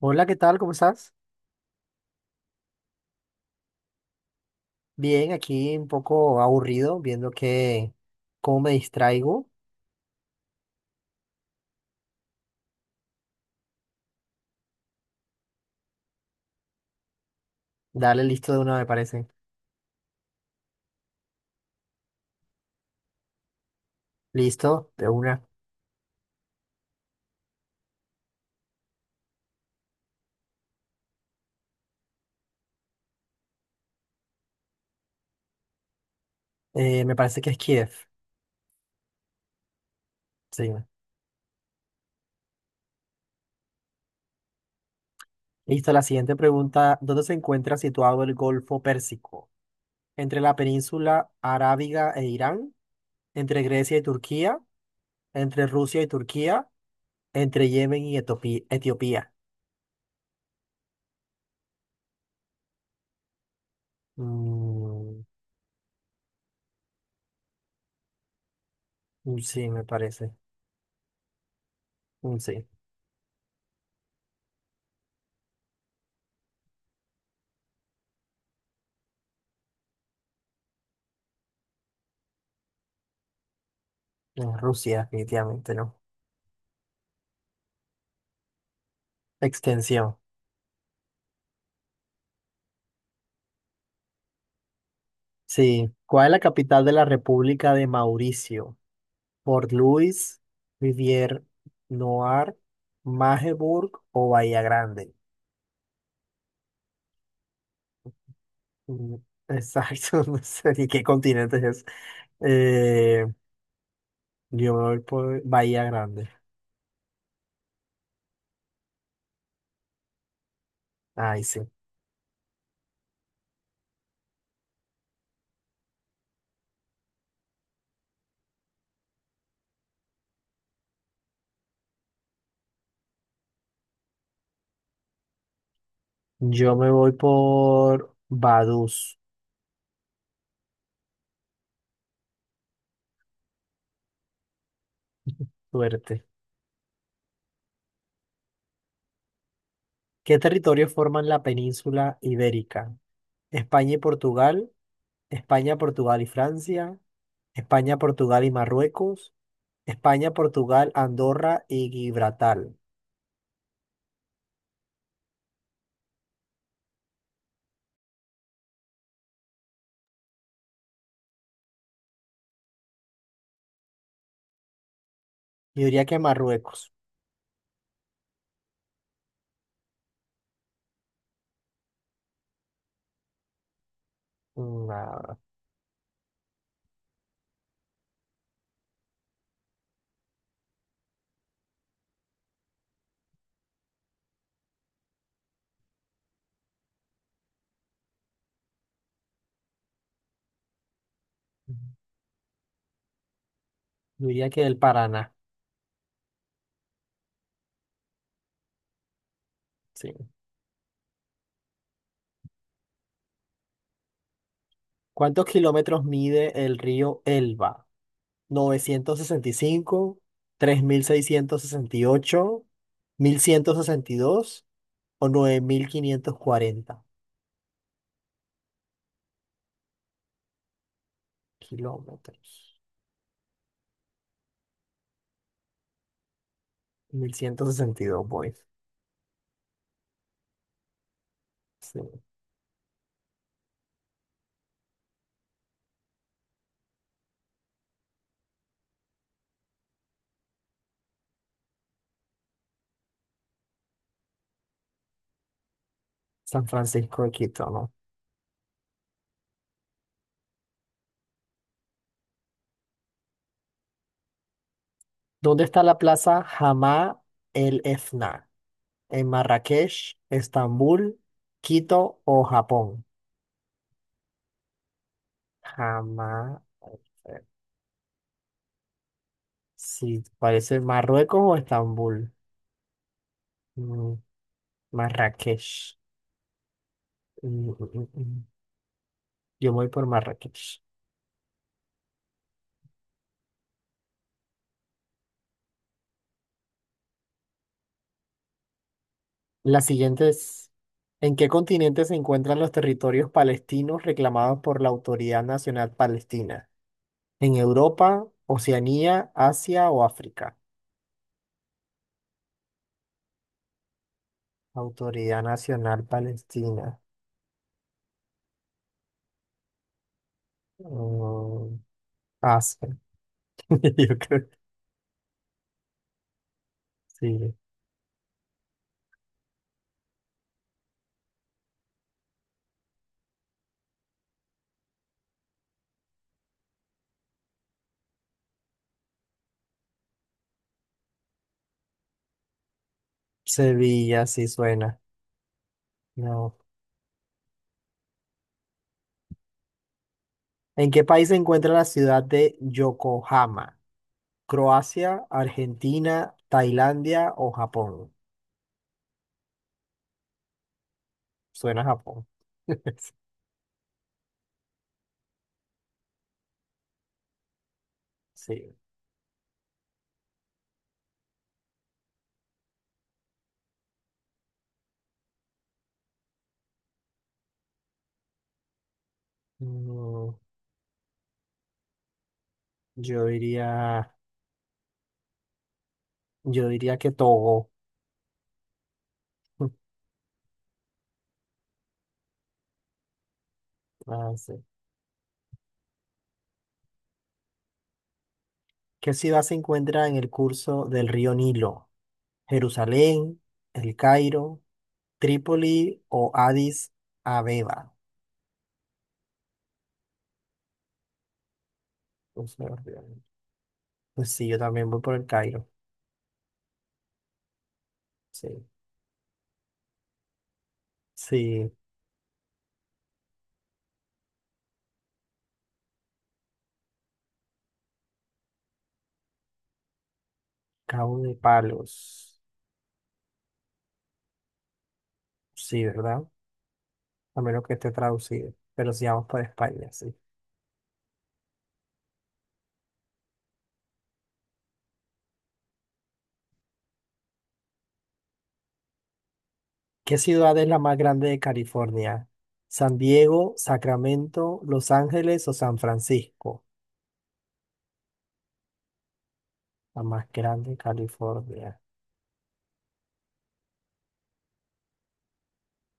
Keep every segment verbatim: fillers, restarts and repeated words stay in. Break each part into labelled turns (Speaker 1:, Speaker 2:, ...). Speaker 1: Hola, ¿qué tal? ¿Cómo estás? Bien, aquí un poco aburrido, viendo que cómo me distraigo. Dale, listo de una, me parece. Listo, de una. Eh, me parece que es Kiev. Sí. Listo, la siguiente pregunta. ¿Dónde se encuentra situado el Golfo Pérsico? ¿Entre la península arábiga e Irán? ¿Entre Grecia y Turquía? ¿Entre Rusia y Turquía? ¿Entre Yemen y Etopi- Etiopía? Mm, sí, me parece. Mm, sí, en Rusia, definitivamente, ¿no? Extensión. Sí, ¿cuál es la capital de la República de Mauricio? ¿Port Louis, Rivière Noire, Magdeburg o Bahía Grande? Mm, exacto, no sé ni qué continente es. Eh, yo me voy por Bahía Grande. Ay, sí. Yo me voy por Vaduz. Suerte. ¿Qué territorios forman la península ibérica? España y Portugal, España, Portugal y Francia, España, Portugal y Marruecos. España, Portugal, Andorra y Gibraltar. Yo diría que Marruecos. Una- Yo diría que el Paraná. Sí. ¿Cuántos kilómetros mide el río Elba? Novecientos sesenta sesenta y y cinco, tres mil mil seiscientos sesenta y ocho, mil ciento sesenta y dos o nueve mil quinientos cuarenta kilómetros. mil ciento sesenta y dos, voy. Sí. San Francisco de Quito, ¿no? ¿Dónde está la plaza Hamá el Efna? En Marrakech, Estambul, Quito o Japón. Jamás. Sí, parece Marruecos o Estambul. Mm, Marrakech. Mm, mm, mm, mm. Yo me voy por Marrakech. La siguiente es, ¿en qué continente se encuentran los territorios palestinos reclamados por la Autoridad Nacional Palestina? ¿En Europa, Oceanía, Asia o África? Autoridad Nacional Palestina. Mm, Asia. Yo creo. Sí, Sevilla, sí suena. No. ¿En qué país se encuentra la ciudad de Yokohama? ¿Croacia, Argentina, Tailandia o Japón? Suena a Japón. Sí. Mm, yo diría, yo diría que Togo. Ah, sí. ¿Qué ciudad se encuentra en el curso del río Nilo? ¿Jerusalén, El Cairo, Trípoli o Addis Abeba? Pues, me olvidé. Pues sí, yo también voy por El Cairo. Sí. Sí, Cabo de Palos. Sí, ¿verdad? A menos que esté traducido. Pero si vamos para España, sí. ¿Qué ciudad es la más grande de California? ¿San Diego, Sacramento, Los Ángeles o San Francisco? La más grande de California.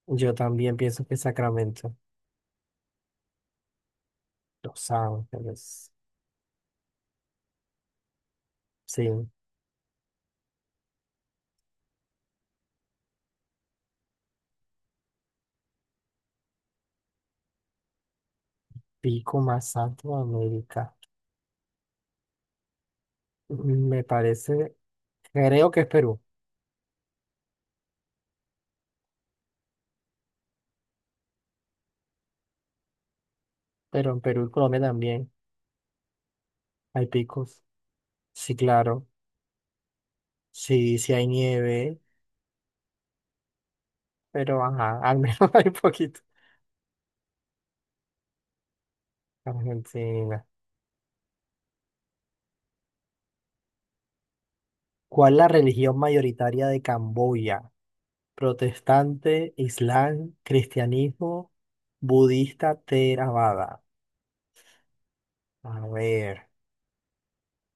Speaker 1: Yo también pienso que Sacramento. Los Ángeles. Sí, pico más alto de América. Mm, Me parece, creo que es Perú, pero en Perú y Colombia también hay picos. Sí, claro. Sí, sí hay nieve. Pero ajá, al menos hay poquito. Argentina. ¿Cuál es la religión mayoritaria de Camboya? Protestante, Islam, cristianismo, budista, Theravada. A ver,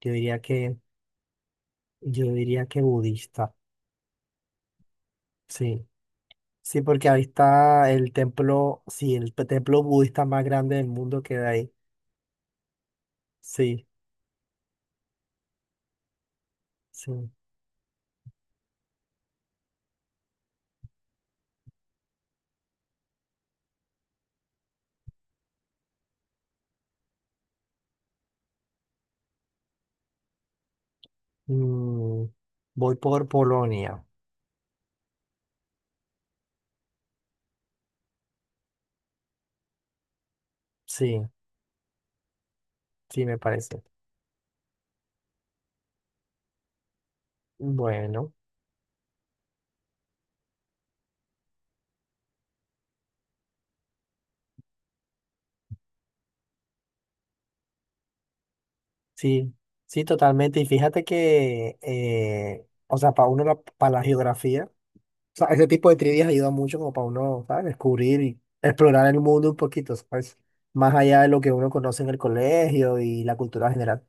Speaker 1: yo diría que, yo diría que budista. Sí, sí, porque ahí está el templo, sí, el pe- templo budista más grande del mundo queda ahí. Sí, sí. Mm, voy por Polonia. Sí, sí, me parece. Bueno. Sí, sí, totalmente. Y fíjate que, eh, o sea, para uno, la, para la geografía, o sea, ese tipo de trivias ayuda mucho como para uno, ¿sabes? Descubrir y explorar el mundo un poquito, ¿sabes? Más allá de lo que uno conoce en el colegio y la cultura general.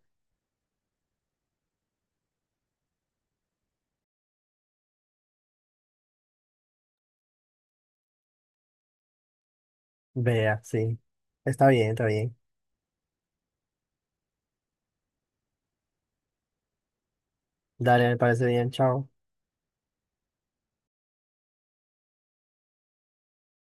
Speaker 1: Vea, sí. Está bien, está bien. Dale, me parece bien, chao.